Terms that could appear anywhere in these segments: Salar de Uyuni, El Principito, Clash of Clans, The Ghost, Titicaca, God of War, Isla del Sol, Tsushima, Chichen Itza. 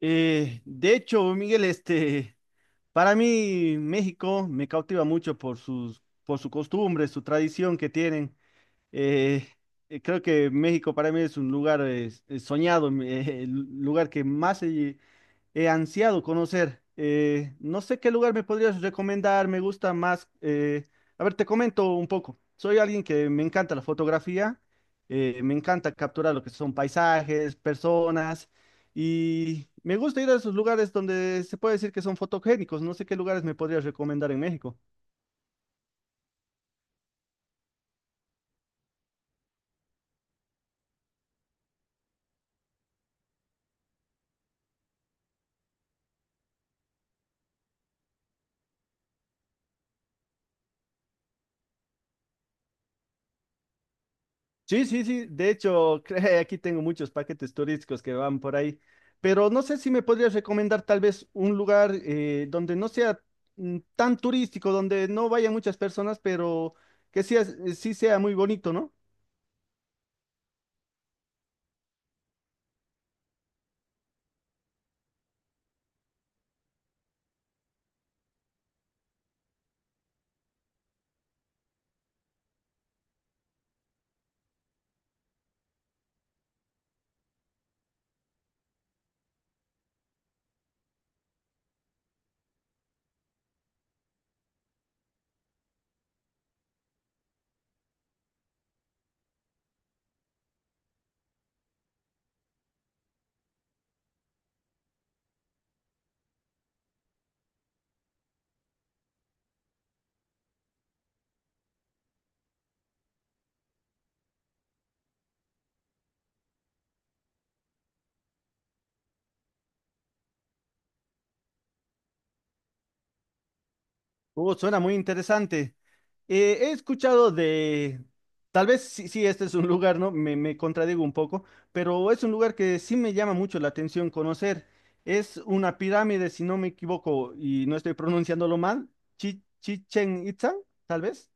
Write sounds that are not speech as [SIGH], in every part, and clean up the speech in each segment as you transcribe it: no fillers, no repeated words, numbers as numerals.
De hecho, Miguel, para mí México me cautiva mucho por su costumbre, su tradición que tienen. Eh, Creo que México para mí es un lugar soñado, [LAUGHS] el lugar que he ansiado conocer. No sé qué lugar me podrías recomendar, me gusta más. A ver, te comento un poco. Soy alguien que me encanta la fotografía, me encanta capturar lo que son paisajes, personas, y me gusta ir a esos lugares donde se puede decir que son fotogénicos. No sé qué lugares me podrías recomendar en México. Sí, sí, sí. De hecho, [LAUGHS] aquí tengo muchos paquetes turísticos que van por ahí. Pero no sé si me podrías recomendar tal vez un lugar donde no sea tan turístico, donde no vayan muchas personas, pero que sea, sí sea muy bonito, ¿no? Suena muy interesante. Eh, he escuchado de, tal vez sí, sí, este es un lugar, ¿no? Me contradigo un poco, pero es un lugar que sí me llama mucho la atención conocer. Es una pirámide, si no me equivoco y no estoy pronunciándolo mal, Chichen Itza, tal vez.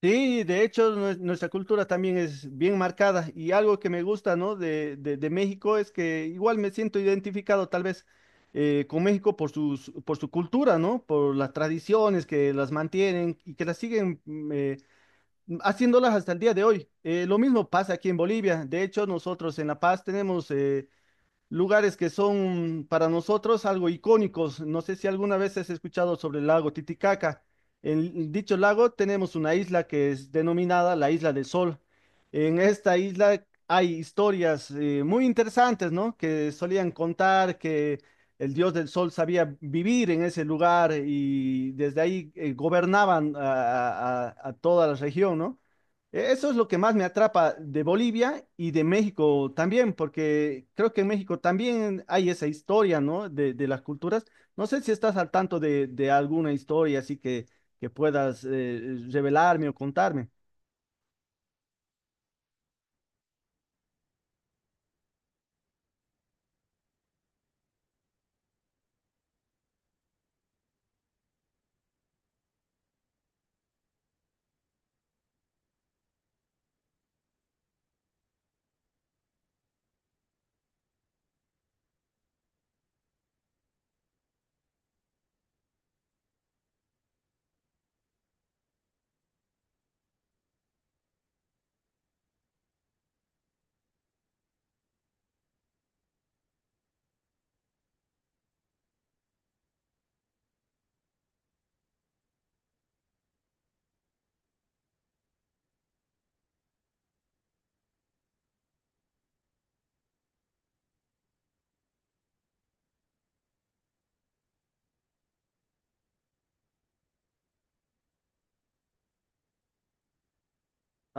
Sí, de hecho, nuestra cultura también es bien marcada y algo que me gusta, ¿no? De México es que igual me siento identificado tal vez con México por su cultura, ¿no? Por las tradiciones que las mantienen y que las siguen haciéndolas hasta el día de hoy. Lo mismo pasa aquí en Bolivia. De hecho, nosotros en La Paz tenemos lugares que son para nosotros algo icónicos. No sé si alguna vez has escuchado sobre el lago Titicaca. En dicho lago tenemos una isla que es denominada la Isla del Sol. En esta isla hay historias muy interesantes, ¿no? Que solían contar que el dios del sol sabía vivir en ese lugar y desde ahí gobernaban a toda la región, ¿no? Eso es lo que más me atrapa de Bolivia y de México también, porque creo que en México también hay esa historia, ¿no? De las culturas. No sé si estás al tanto de alguna historia así que puedas revelarme o contarme.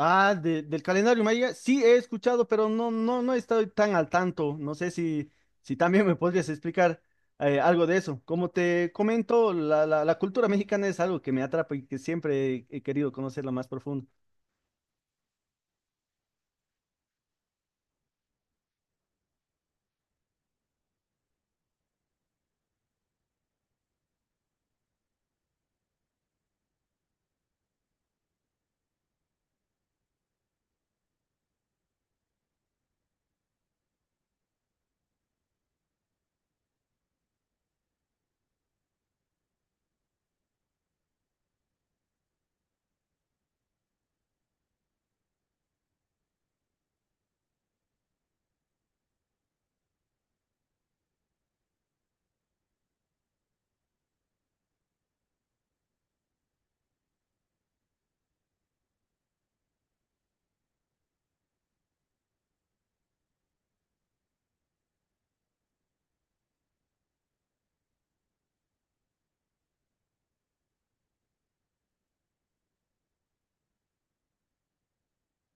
Ah, del calendario maya, sí he escuchado, pero no, no, no estoy tan al tanto. No sé si, si también me podrías explicar algo de eso. Como te comento, la cultura mexicana es algo que me atrapa y que siempre he querido conocerla más profundo.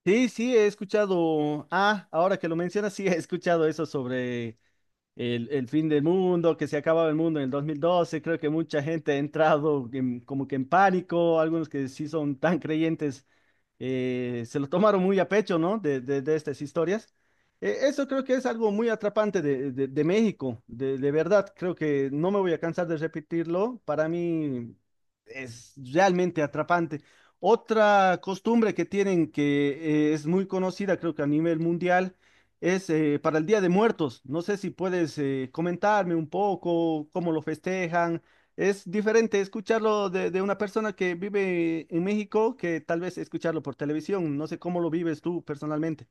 Sí, sí, he escuchado. Ah, ahora que lo mencionas, sí, [LAUGHS] he escuchado eso sobre el fin del mundo, que se acababa el mundo en el 2012. Creo que mucha gente ha entrado como que en pánico, algunos que sí son tan creyentes se lo tomaron muy a pecho, ¿no? De estas historias. Eso creo que es algo muy atrapante de, de México, de verdad, creo que no me voy a cansar de repetirlo, para mí es realmente atrapante. Otra costumbre que tienen que es muy conocida, creo que a nivel mundial, es para el Día de Muertos. No sé si puedes comentarme un poco cómo lo festejan, es diferente escucharlo de una persona que vive en México que tal vez escucharlo por televisión. No sé cómo lo vives tú personalmente.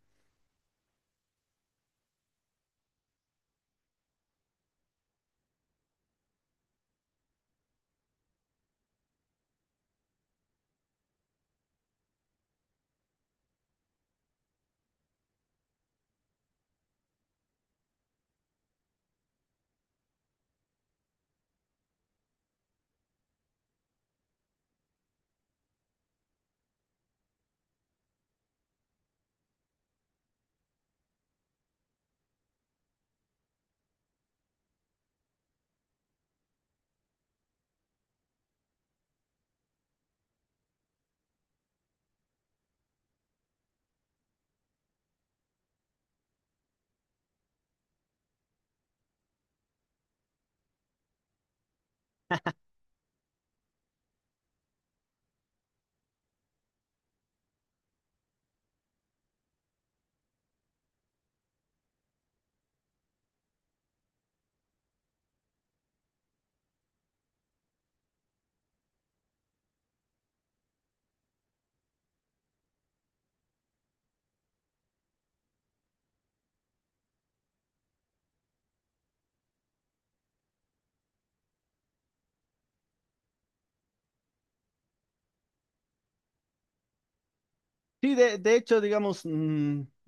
Sí, de hecho, digamos, mm,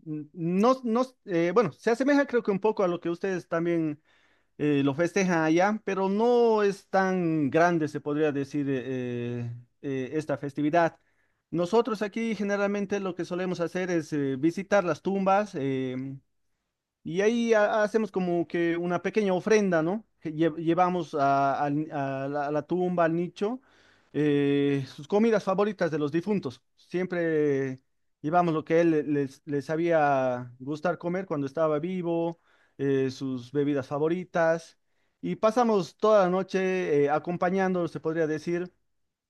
mm, no, no, bueno, se asemeja creo que un poco a lo que ustedes también lo festejan allá, pero no es tan grande, se podría decir, esta festividad. Nosotros aquí generalmente lo que solemos hacer es visitar las tumbas. Y ahí hacemos como que una pequeña ofrenda, ¿no? Que llevamos a la tumba, al nicho, sus comidas favoritas de los difuntos. Siempre llevamos lo que les, les sabía gustar comer cuando estaba vivo, sus bebidas favoritas. Y pasamos toda la noche acompañándolo, se podría decir,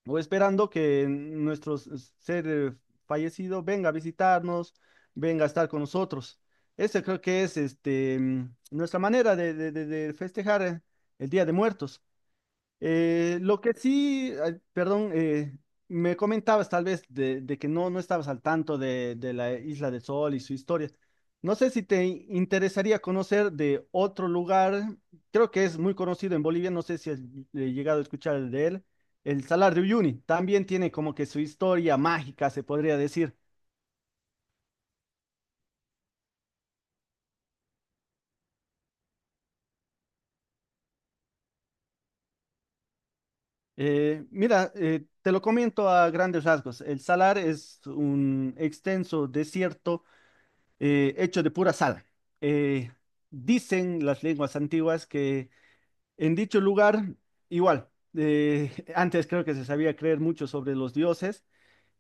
o esperando que nuestro ser fallecido venga a visitarnos, venga a estar con nosotros. Esa creo que es nuestra manera de, de festejar el Día de Muertos. Lo que sí, ay, perdón, me comentabas tal vez de que no, no estabas al tanto de la Isla del Sol y su historia. No sé si te interesaría conocer de otro lugar, creo que es muy conocido en Bolivia, no sé si has llegado a escuchar de él, el Salar de Uyuni. También tiene como que su historia mágica, se podría decir. Te lo comento a grandes rasgos. El Salar es un extenso desierto hecho de pura sal. Eh, Dicen las lenguas antiguas que en dicho lugar, igual, [LAUGHS] antes creo que se sabía creer mucho sobre los dioses,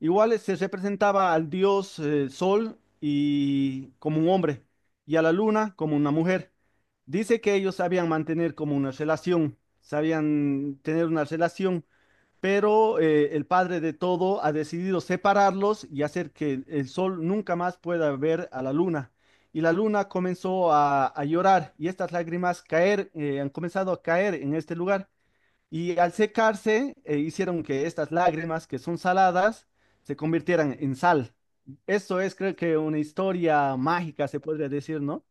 igual se representaba al dios Sol y como un hombre y a la luna como una mujer. Dice que ellos sabían mantener como una relación, sabían tener una relación, pero el Padre de todo ha decidido separarlos y hacer que el sol nunca más pueda ver a la luna. Y la luna comenzó a llorar y estas lágrimas caer, han comenzado a caer en este lugar. Y al secarse, hicieron que estas lágrimas, que son saladas, se convirtieran en sal. Esto es, creo que, una historia mágica, se podría decir, ¿no?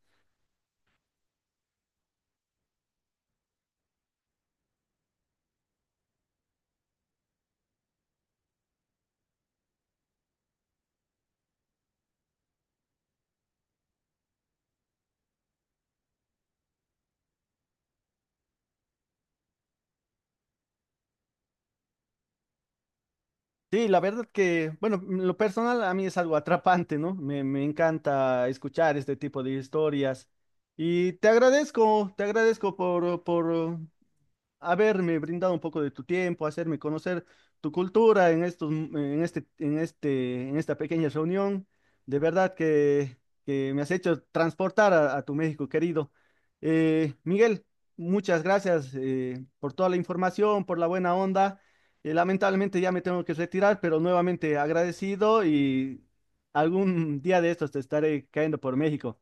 Sí, la verdad que, bueno, en lo personal a mí es algo atrapante, ¿no? Me encanta escuchar este tipo de historias. Y te agradezco por haberme brindado un poco de tu tiempo, hacerme conocer tu cultura en estos, en esta pequeña reunión. De verdad que me has hecho transportar a tu México querido. Miguel, muchas gracias por toda la información, por la buena onda. Lamentablemente ya me tengo que retirar, pero nuevamente agradecido y algún día de estos te estaré cayendo por México.